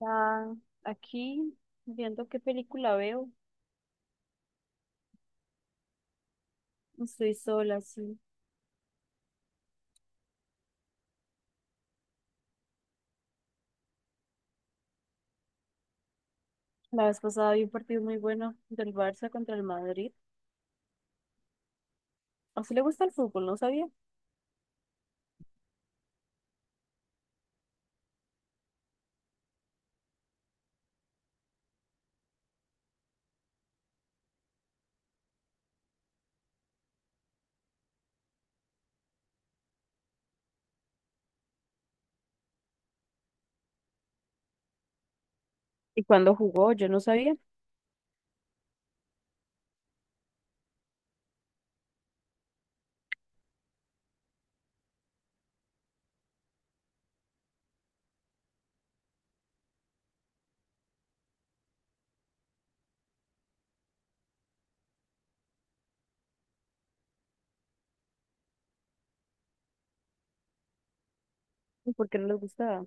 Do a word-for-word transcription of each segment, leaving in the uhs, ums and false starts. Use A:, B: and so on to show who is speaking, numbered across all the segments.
A: Ah, aquí, viendo qué película veo, estoy sola, sí. La vez pasada vi un partido muy bueno del Barça contra el Madrid. ¿A usted le gusta el fútbol? No sabía. ¿Y cuándo jugó? Yo no sabía. ¿Y por qué no les gustaba?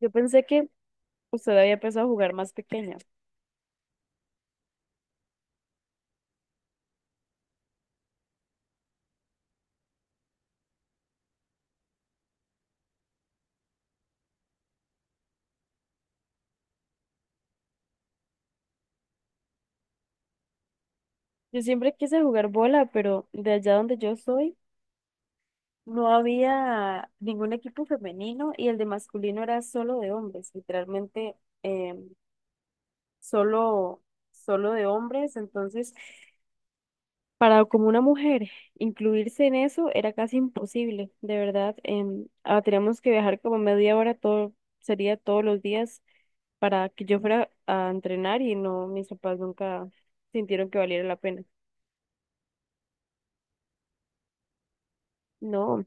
A: Yo pensé que usted había empezado a jugar más pequeña. Yo siempre quise jugar bola, pero de allá donde yo soy no había ningún equipo femenino y el de masculino era solo de hombres, literalmente em, solo, solo de hombres. Entonces, para como una mujer incluirse en eso era casi imposible, de verdad. Em, ah, teníamos que viajar como media hora, todo, sería todos los días para que yo fuera a entrenar y no, mis papás nunca sintieron que valiera la pena. No,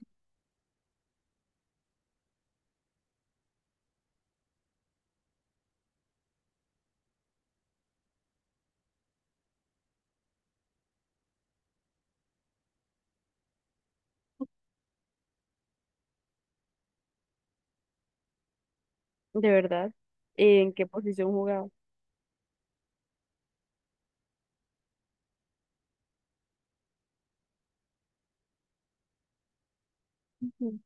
A: de verdad. ¿En qué posición jugaba? Ujú.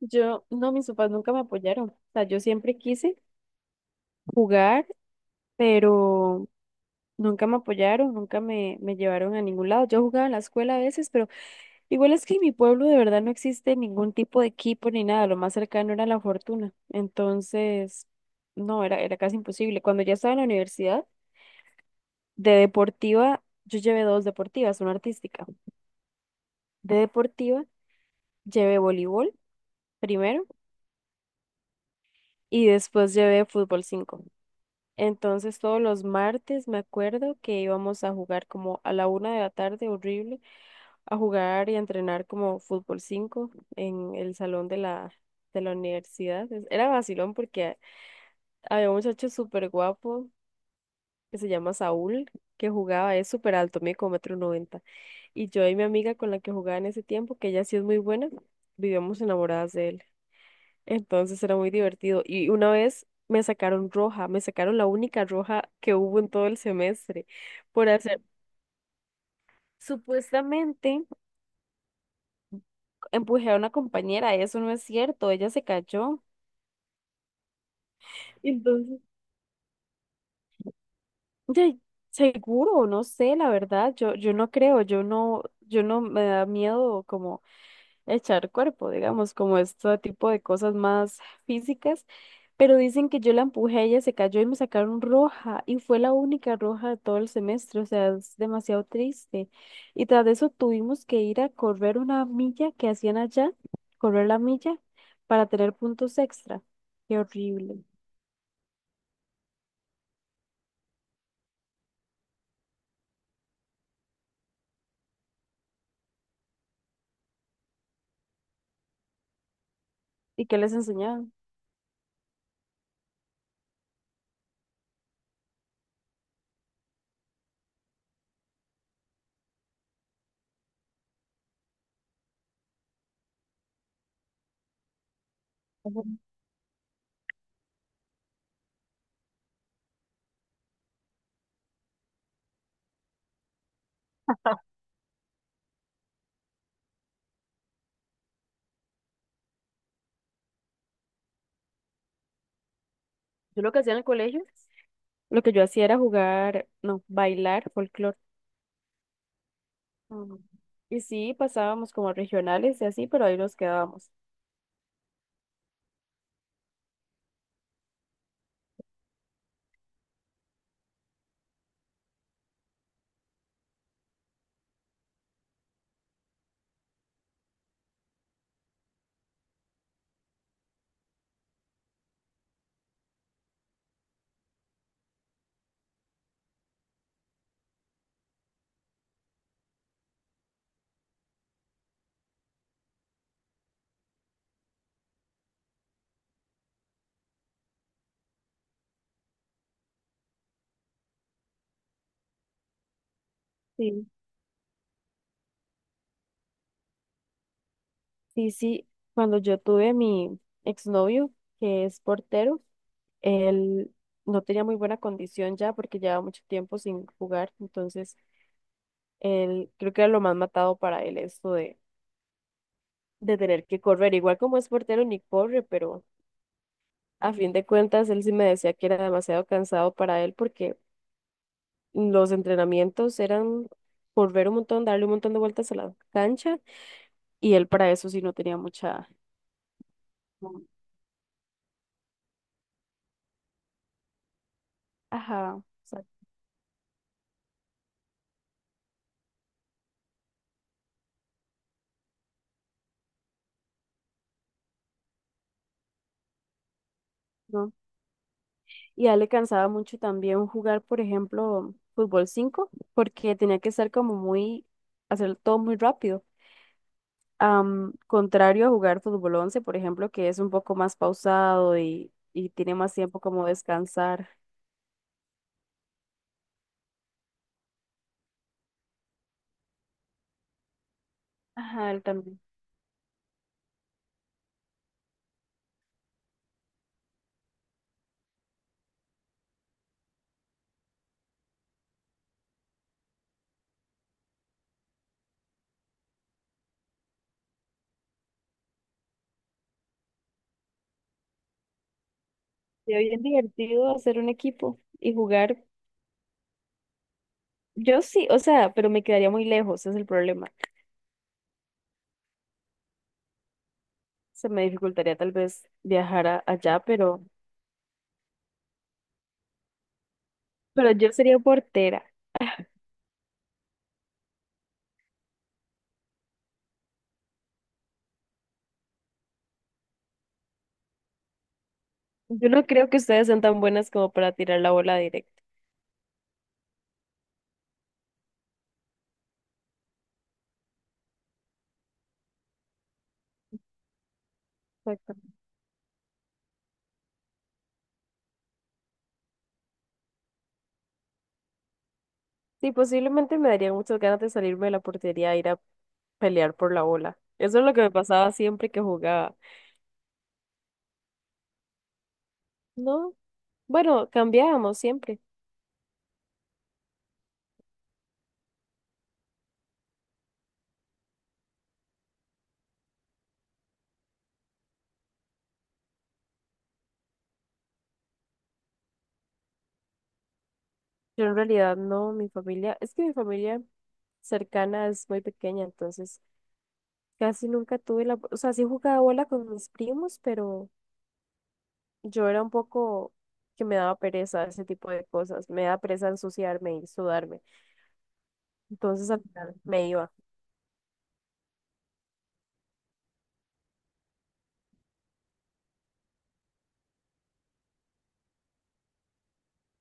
A: Yo, no, mis papás nunca me apoyaron. O sea, yo siempre quise jugar, pero nunca me apoyaron, nunca me, me llevaron a ningún lado. Yo jugaba en la escuela a veces, pero igual es que en mi pueblo de verdad no existe ningún tipo de equipo ni nada, lo más cercano era la fortuna. Entonces, no, era, era casi imposible. Cuando ya estaba en la universidad, de deportiva, yo llevé dos deportivas, una artística. De deportiva, llevé voleibol primero y después llevé fútbol cinco. Entonces, todos los martes me acuerdo que íbamos a jugar como a la una de la tarde, horrible, a jugar y a entrenar como fútbol cinco en el salón de la, de la universidad. Es- Era vacilón porque había un muchacho súper guapo que se llama Saúl, que jugaba, es súper alto, mide como metro noventa. Y yo y mi amiga con la que jugaba en ese tiempo, que ella sí es muy buena, vivíamos enamoradas de él. Entonces era muy divertido. Y una vez me sacaron roja, me sacaron la única roja que hubo en todo el semestre por hacer… Supuestamente empujé a una compañera, eso no es cierto, ella se cayó. Entonces, de- seguro, no sé, la verdad, yo, yo no creo, yo no, yo no me da miedo como echar cuerpo, digamos, como este tipo de cosas más físicas, pero dicen que yo la empujé, ella se cayó y me sacaron roja, y fue la única roja de todo el semestre, o sea, es demasiado triste. Y tras de eso tuvimos que ir a correr una milla que hacían allá, correr la milla, para tener puntos extra. Qué horrible. ¿Y qué les enseñaban? Ujú. Yo lo que hacía en el colegio. Lo que yo hacía era jugar, no, bailar folclore. Mm. Y sí, pasábamos como regionales y así, pero ahí nos quedábamos. Sí. Sí, sí, cuando yo tuve mi exnovio, que es portero, él no tenía muy buena condición ya porque llevaba mucho tiempo sin jugar, entonces él creo que era lo más matado para él esto de, de tener que correr, igual como es portero ni corre, pero a fin de cuentas él sí me decía que era demasiado cansado para él porque los entrenamientos eran correr un montón, darle un montón de vueltas a la cancha y él para eso sí no tenía mucha… Ajá, exacto. ¿No? Y a él le cansaba mucho también jugar, por ejemplo, fútbol cinco porque tenía que ser como muy, hacer todo muy rápido. Am, contrario a jugar fútbol once, por ejemplo, que es un poco más pausado y, y tiene más tiempo como descansar. Ajá, él también. Se ve bien divertido hacer un equipo y jugar. Yo sí, o sea, pero me quedaría muy lejos, ese es el problema. Se me dificultaría tal vez viajar a- allá, pero, pero, yo sería portera. Yo no creo que ustedes sean tan buenas como para tirar la bola directa. Exacto. Sí, posiblemente me darían muchas ganas de salirme de la portería e ir a pelear por la bola. Eso es lo que me pasaba siempre que jugaba. No, bueno, cambiábamos siempre. Yo en realidad no, mi familia, es que mi familia cercana es muy pequeña, entonces casi nunca tuve la, o sea, sí jugaba bola con mis primos, pero yo era un poco que me daba pereza ese tipo de cosas. Me da pereza ensuciarme y sudarme. Entonces al final me iba.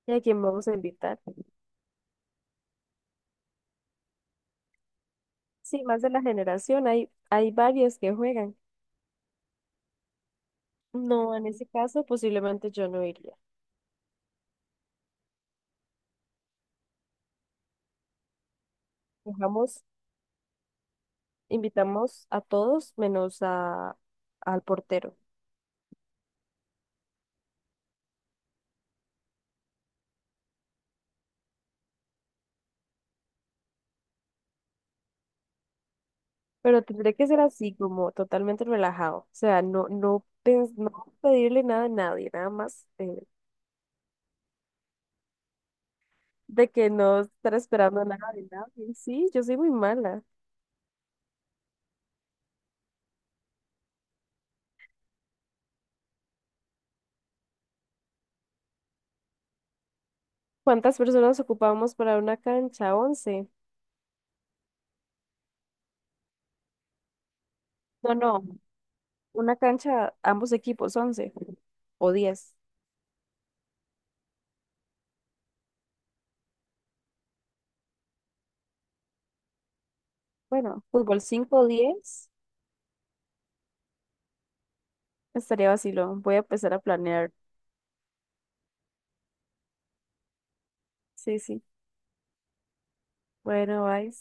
A: ¿Y a quién vamos a invitar? Sí, más de la generación. Hay, hay varias que juegan. No, en ese caso posiblemente yo no iría. Dejamos, invitamos a todos menos a, al portero. Pero tendré que ser así, como totalmente relajado. O sea, no, no, pens- no pedirle nada a nadie, nada más. Eh, de que no estar esperando nada de nadie. Sí, yo soy muy mala. ¿Cuántas personas ocupamos para una cancha? ¿Once? No, no, una cancha, ambos equipos, once o diez. Bueno, fútbol cinco o diez. Estaría vacilo. Voy a empezar a planear. Sí, sí. Bueno, bye.